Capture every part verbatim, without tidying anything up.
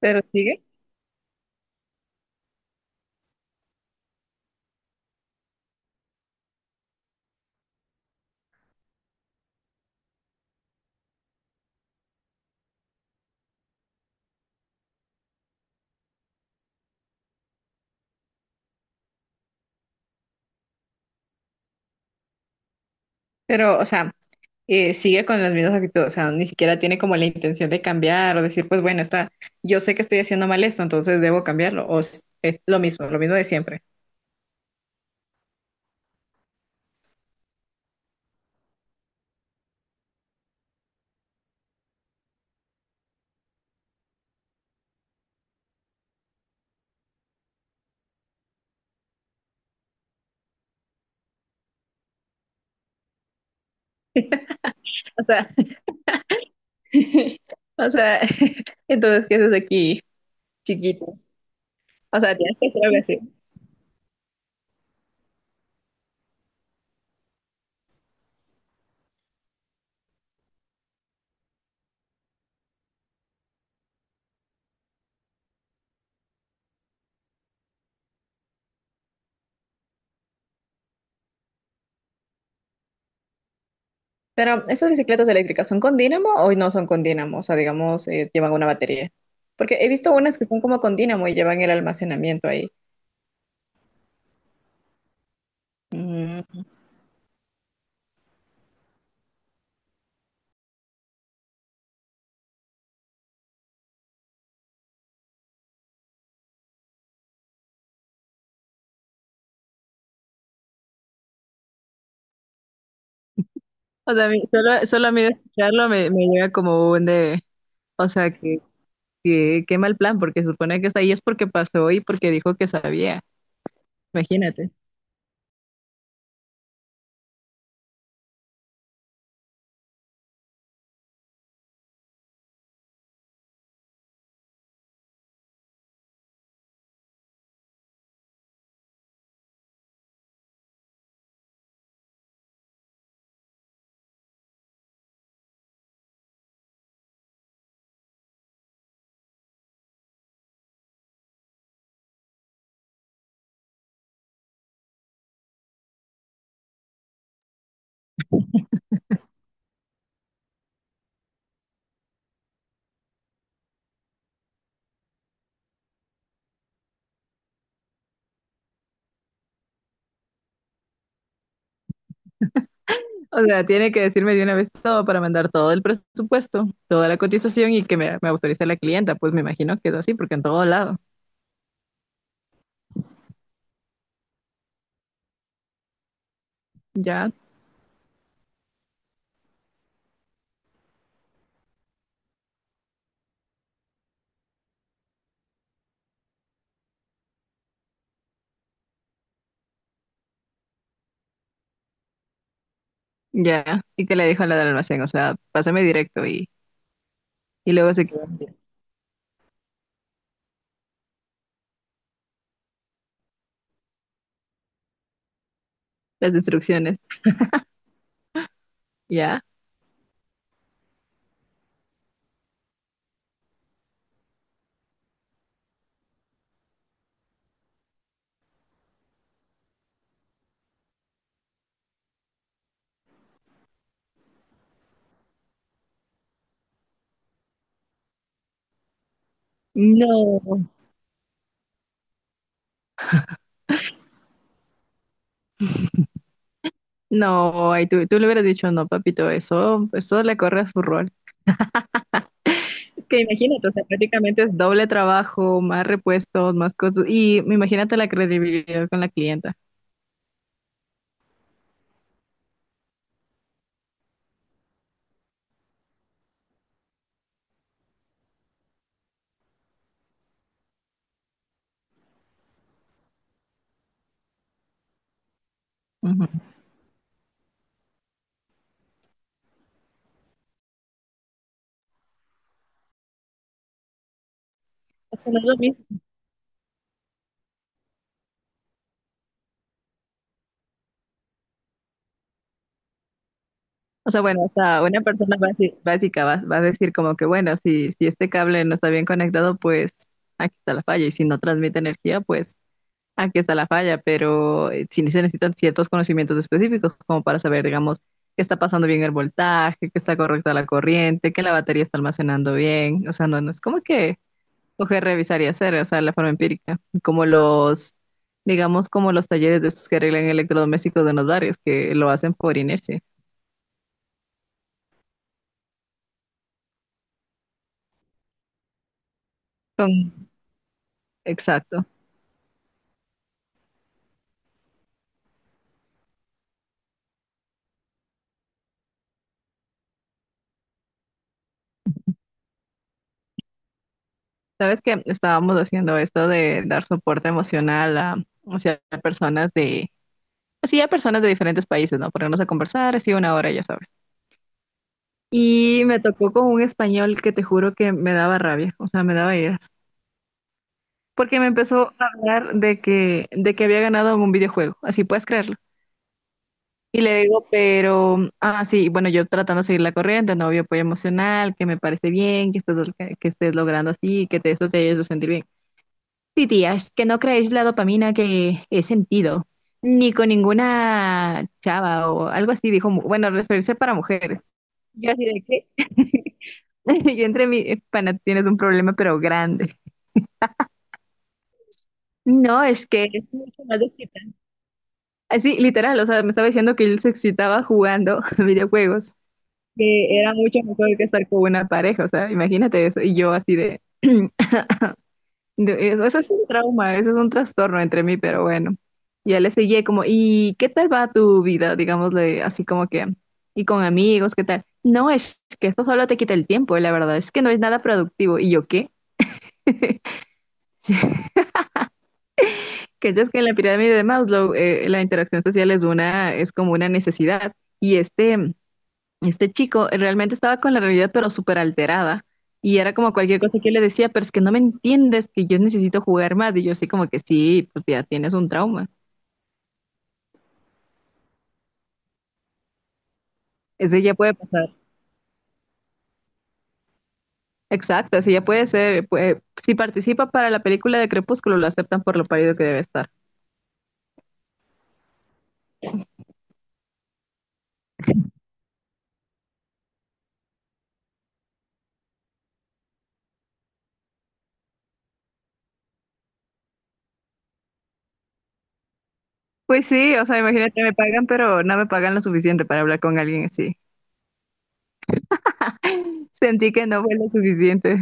Pero sigue. Pero, o sea, eh, sigue con las mismas actitudes. O sea, ni siquiera tiene como la intención de cambiar o decir, pues bueno, está, yo sé que estoy haciendo mal esto, entonces debo cambiarlo, o s- es lo mismo, lo mismo de siempre. O sea, o sea, entonces, ¿qué haces aquí, chiquito? O sea, tienes que hacer algo así. Pero, ¿esas bicicletas eléctricas son con dínamo o no son con dínamo? O sea, digamos, eh, llevan una batería. Porque he visto unas que son como con dínamo y llevan el almacenamiento ahí. Mm. O sea, a mí- solo, solo a mí de escucharlo me, me llega como un de, o sea, que, que, qué mal plan, porque se supone que está ahí es porque pasó y porque dijo que sabía, imagínate. O sea, tiene que decirme de una vez todo para mandar todo el presupuesto, toda la cotización y que me, me autorice la clienta, pues me imagino que es así, porque en todo lado, ya, ya. ¿Y que le dijo a la del almacén? O sea, pásame directo y, y luego se quedan las instrucciones, ya. No. No, ay, tú, tú le hubieras dicho, no, papito, eso, eso le corre a su rol. Que imagínate, o sea, prácticamente es doble trabajo, más repuestos, más cosas. Y imagínate la credibilidad con la clienta. Ujú. Es que no es lo mismo. O sea, bueno, o sea, una persona basi- básica va, va a decir como que, bueno, si, si este cable no está bien conectado, pues aquí está la falla. Y si no transmite energía, pues aquí está la falla. Pero eh, sí se necesitan ciertos conocimientos específicos como para saber, digamos, que está pasando bien el voltaje, que está correcta la corriente, que la batería está almacenando bien. O sea, no, no es como que coger revisar y hacer, o sea, la forma empírica, como los, digamos, como los talleres de estos que arreglan electrodomésticos de los barrios, que lo hacen por inercia. Con- exacto. Sabes que estábamos haciendo esto de dar soporte emocional a, hacia personas de, así a personas de diferentes países, ¿no? Ponernos a conversar, así una hora, ya sabes. Y me tocó con un español que te juro que me daba rabia, o sea, me daba iras. Porque me empezó a hablar de que, de que había ganado en un videojuego. Así puedes creerlo. Y le digo, pero, ah, sí, bueno, yo tratando de seguir la corriente, no, obvio, apoyo emocional, que me parece bien, que estés, que estés logrando así, que te, eso te ayude a sentir bien. Sí, tías, que no creéis la dopamina que he sentido, ni con ninguna chava o algo así, dijo, mu- bueno, referirse para mujeres. Yo así de qué. Y entre mi pana, tienes un problema, pero grande. No, es que es mucho más excitante. Así, literal, o sea, me estaba diciendo que él se excitaba jugando videojuegos, que era mucho mejor que estar con una pareja, o sea, imagínate eso, y yo así de, de- eso, eso es un trauma, eso es un trastorno entre mí, pero bueno, ya le seguí como, ¿y qué tal va tu vida? Digámosle así como que, y con amigos, ¿qué tal? No, es que esto solo te quita el tiempo, la verdad, es que no es nada productivo, ¿y yo qué? Que es que en la pirámide de Maslow, eh, la interacción social es una, es como una necesidad, y este... Este chico eh, realmente estaba con la realidad, pero súper alterada. Y era como cualquier cosa que yo le decía, pero es que no me entiendes, que yo necesito jugar más. Y yo así como que sí, pues ya tienes un trauma. Ese ya puede pasar. Exacto, ese ya puede ser. Puede- si participa para la película de Crepúsculo, lo aceptan por lo parido que debe estar. Pues sí, o sea, imagínate, me pagan, pero no me pagan lo suficiente para hablar con alguien así. Sentí que no fue lo suficiente.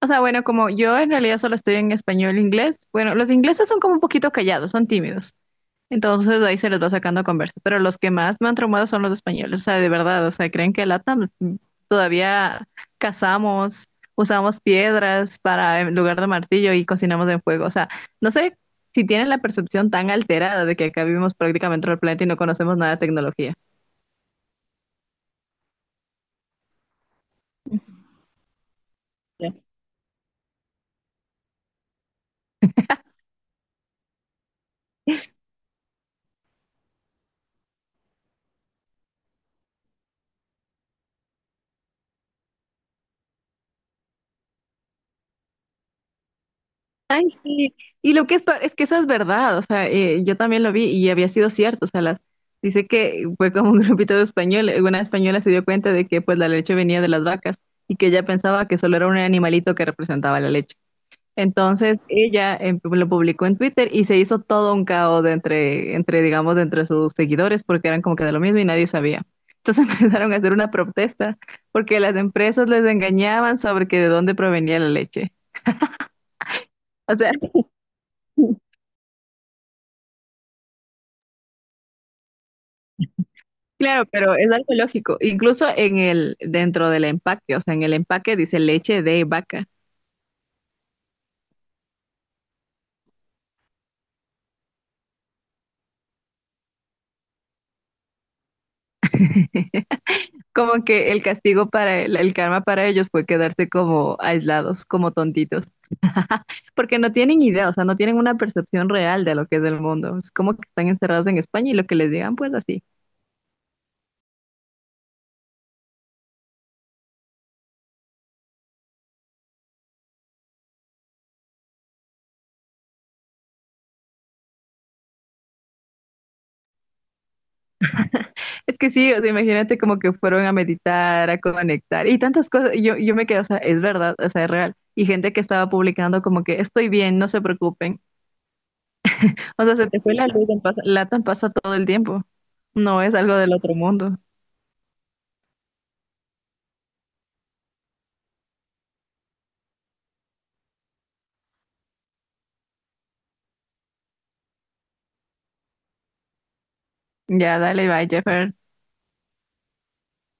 O sea, bueno, como yo en realidad solo estoy en español e inglés, bueno, los ingleses son como un poquito callados, son tímidos. Entonces ahí se les va sacando conversa. Pero los que más me han traumado son los españoles, o sea, de verdad, o sea, creen que LATAM todavía cazamos, usamos piedras para en lugar de martillo y cocinamos en fuego. O sea, no sé si tienen la percepción tan alterada de que acá vivimos prácticamente en el planeta y no conocemos nada de tecnología. Ay, sí. Y lo que es, pa- es que eso es verdad, o sea, eh, yo también lo vi y había sido cierto, o sea, las, dice que fue como un grupito de españoles, una española se dio cuenta de que pues la leche venía de las vacas y que ella pensaba que solo era un animalito que representaba la leche. Entonces ella eh, lo publicó en Twitter y se hizo todo un caos de entre, entre, digamos, de entre sus seguidores porque eran como que de lo mismo y nadie sabía. Entonces empezaron a hacer una protesta porque las empresas les engañaban sobre que de dónde provenía la leche. O sea, claro, pero es algo lógico. Incluso en el, dentro del empaque, o sea, en el empaque dice leche de vaca. Como que el castigo para el, el karma para ellos fue quedarse como aislados, como tontitos. Porque no tienen idea, o sea, no tienen una percepción real de lo que es el mundo. Es como que están encerrados en España y lo que les digan, pues así. Es que sí, o sea, imagínate como que fueron a meditar, a conectar y tantas cosas. Y Yo, yo me quedé, o sea, es verdad, o sea, es real. Y gente que estaba publicando como que estoy bien, no se preocupen. O sea, se te fue la luz, en pasa- latan pasa todo el tiempo. No es algo del otro mundo. Ya, dale, bye, Jeffer.